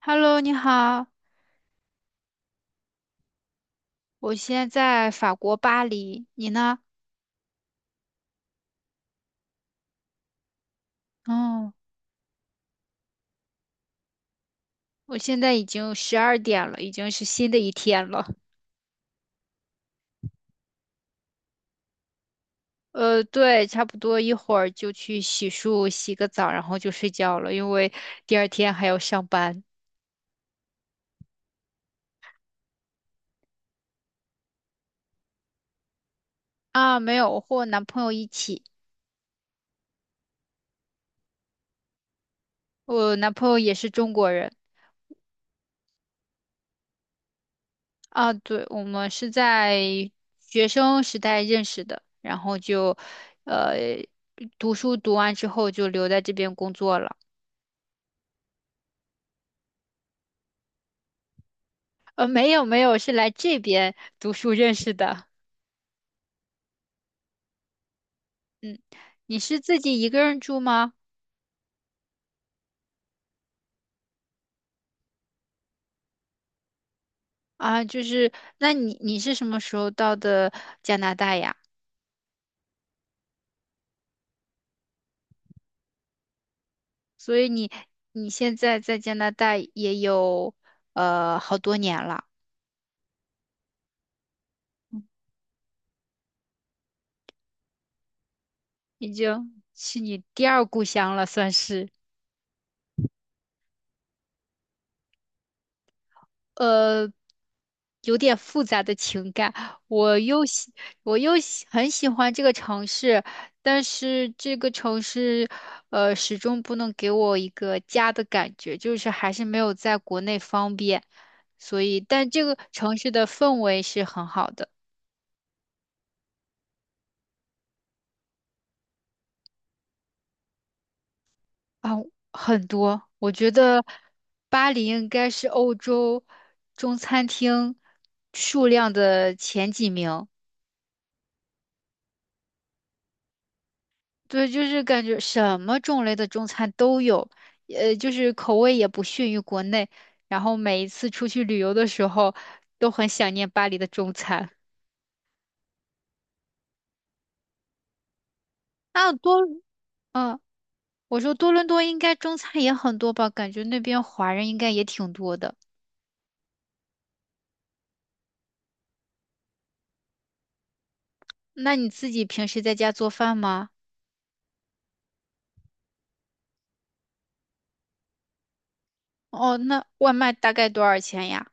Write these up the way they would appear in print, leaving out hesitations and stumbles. Hello，你好，我现在在法国巴黎，你呢？哦，我现在已经12点了，已经是新的一天了。对，差不多一会儿就去洗漱、洗个澡，然后就睡觉了，因为第二天还要上班。啊，没有，我和我男朋友一起，我男朋友也是中国人。啊，对，我们是在学生时代认识的，然后就，呃，读书读完之后就留在这边工作了。没有没有，是来这边读书认识的。你是自己一个人住吗？啊，就是，那你是什么时候到的加拿大呀？所以你现在在加拿大也有好多年了，已经是你第二故乡了，算是。呃，有点复杂的情感。我又喜，我又喜很喜欢这个城市，但是这个城市，始终不能给我一个家的感觉，就是还是没有在国内方便。所以，但这个城市的氛围是很好的。啊，很多。我觉得巴黎应该是欧洲中餐厅数量的前几名。对，就是感觉什么种类的中餐都有，就是口味也不逊于国内。然后每一次出去旅游的时候，都很想念巴黎的中餐。那多，嗯，我说多伦多应该中餐也很多吧？感觉那边华人应该也挺多的。那你自己平时在家做饭吗？哦，那外卖大概多少钱呀？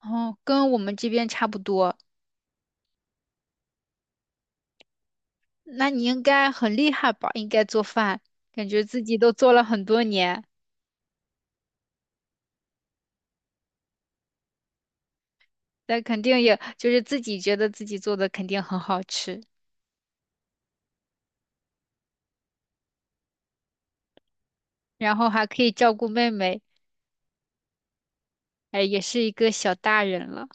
哦，跟我们这边差不多。那你应该很厉害吧？应该做饭，感觉自己都做了很多年。但肯定也就是自己觉得自己做的肯定很好吃，然后还可以照顾妹妹，哎，也是一个小大人了。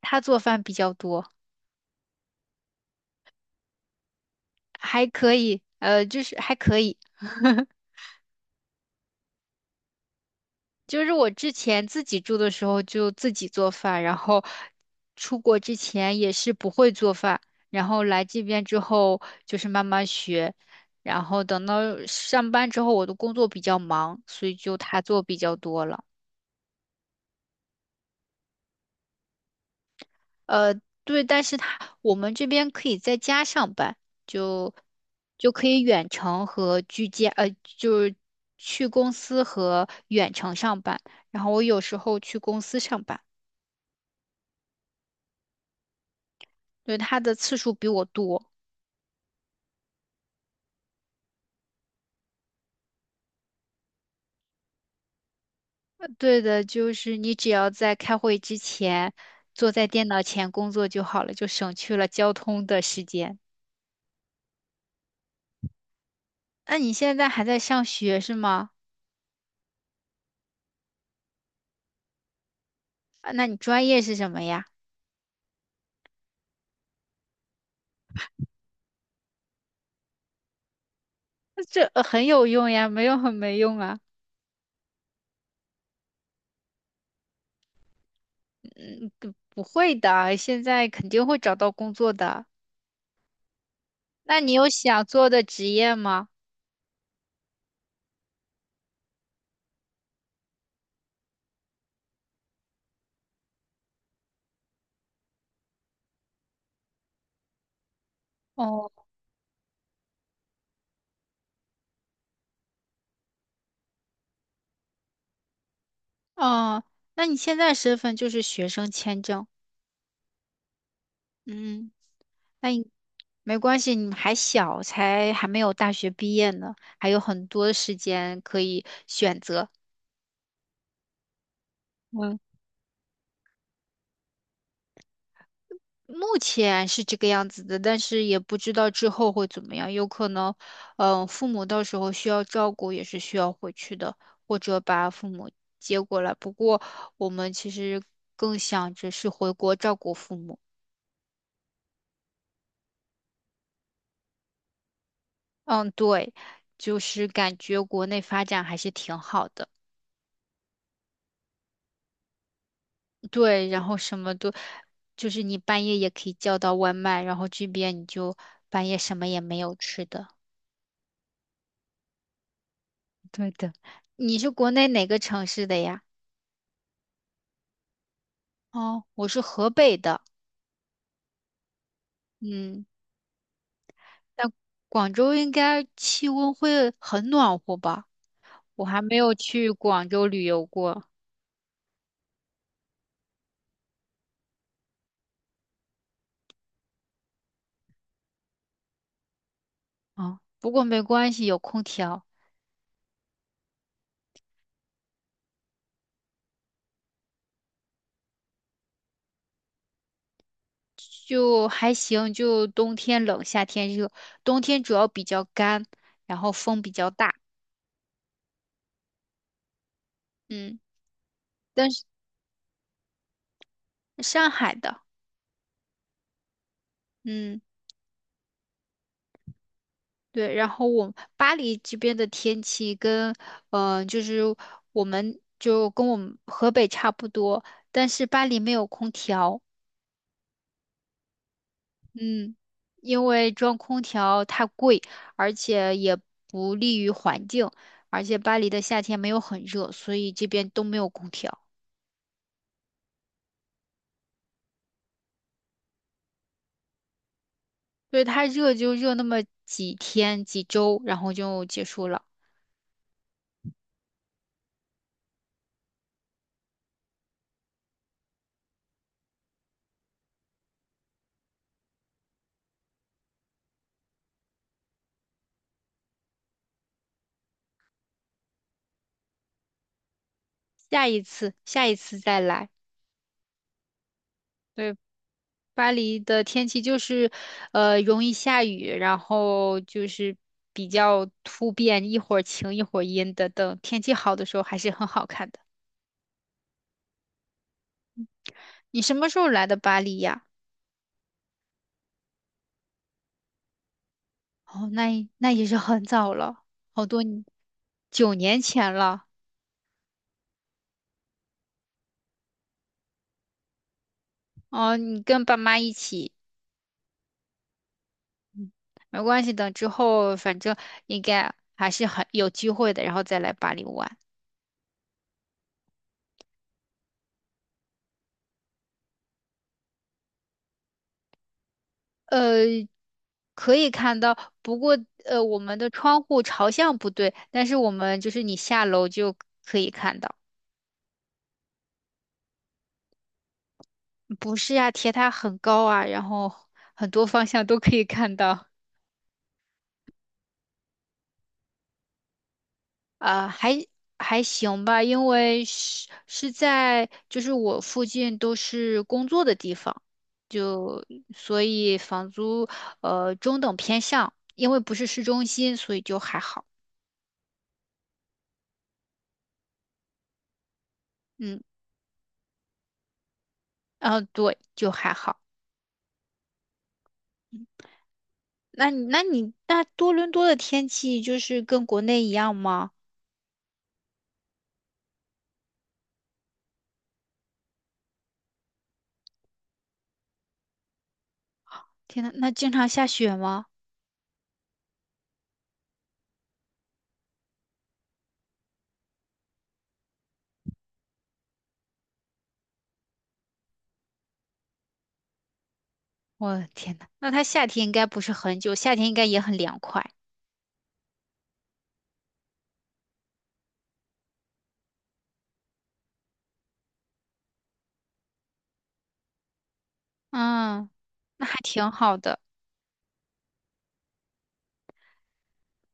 她做饭比较多，还可以，就是还可以。就是我之前自己住的时候就自己做饭，然后出国之前也是不会做饭，然后来这边之后就是慢慢学，然后等到上班之后我的工作比较忙，所以就她做比较多了。呃，对，但是他我们这边可以在家上班，就就可以远程和居家，就是去公司和远程上班。然后我有时候去公司上班，对，他的次数比我多。对的，就是你只要在开会之前坐在电脑前工作就好了，就省去了交通的时间。那你现在还在上学是吗？啊，那你专业是什么呀？那这很有用呀，没有很没用啊。不会的，现在肯定会找到工作的。那你有想做的职业吗？哦，哦，那你现在身份就是学生签证。嗯，那你没关系，你还小，才还没有大学毕业呢，还有很多时间可以选择。嗯。目前是这个样子的，但是也不知道之后会怎么样，有可能，父母到时候需要照顾，也是需要回去的，或者把父母接过来。不过我们其实更想着是回国照顾父母。嗯，对，就是感觉国内发展还是挺好的。对，然后什么都，就是你半夜也可以叫到外卖，然后这边你就半夜什么也没有吃的。对的，你是国内哪个城市的呀？哦，我是河北的，嗯，但广州应该气温会很暖和吧？我还没有去广州旅游过啊，不过没关系，有空调就还行，就冬天冷，夏天热，冬天主要比较干，然后风比较大，嗯，但是上海的，嗯，对，然后我巴黎这边的天气跟，就是我们就跟我们河北差不多，但是巴黎没有空调。嗯，因为装空调太贵，而且也不利于环境，而且巴黎的夏天没有很热，所以这边都没有空调，所以它热就热那么几天几周，然后就结束了。下一次，下一次再来。对，巴黎的天气就是，容易下雨，然后就是比较突变，一会儿晴一会儿阴的。等天气好的时候还是很好看的。你什么时候来的巴黎呀？哦，那也是很早了，好多年9年前了。哦，你跟爸妈一起，没关系等之后反正应该还是很有机会的，然后再来巴黎玩。呃，可以看到，不过我们的窗户朝向不对，但是我们就是你下楼就看到。不是呀，铁塔很高啊，然后很多方向都可以看到。啊，还行吧，因为是在就是我附近都是工作的地方，就所以房租中等偏上，因为不是市中心，所以就还好。嗯，啊，对，就还好。那你那你那多伦多的天气就是跟国内一样吗？天呐，那经常下雪吗？我的天呐，那它夏天应该不是很久，夏天应该也很凉快。嗯，那还挺好的。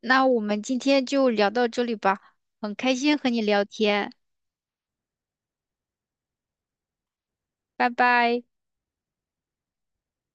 那我们今天就聊到这里吧，很开心和你聊天，拜拜。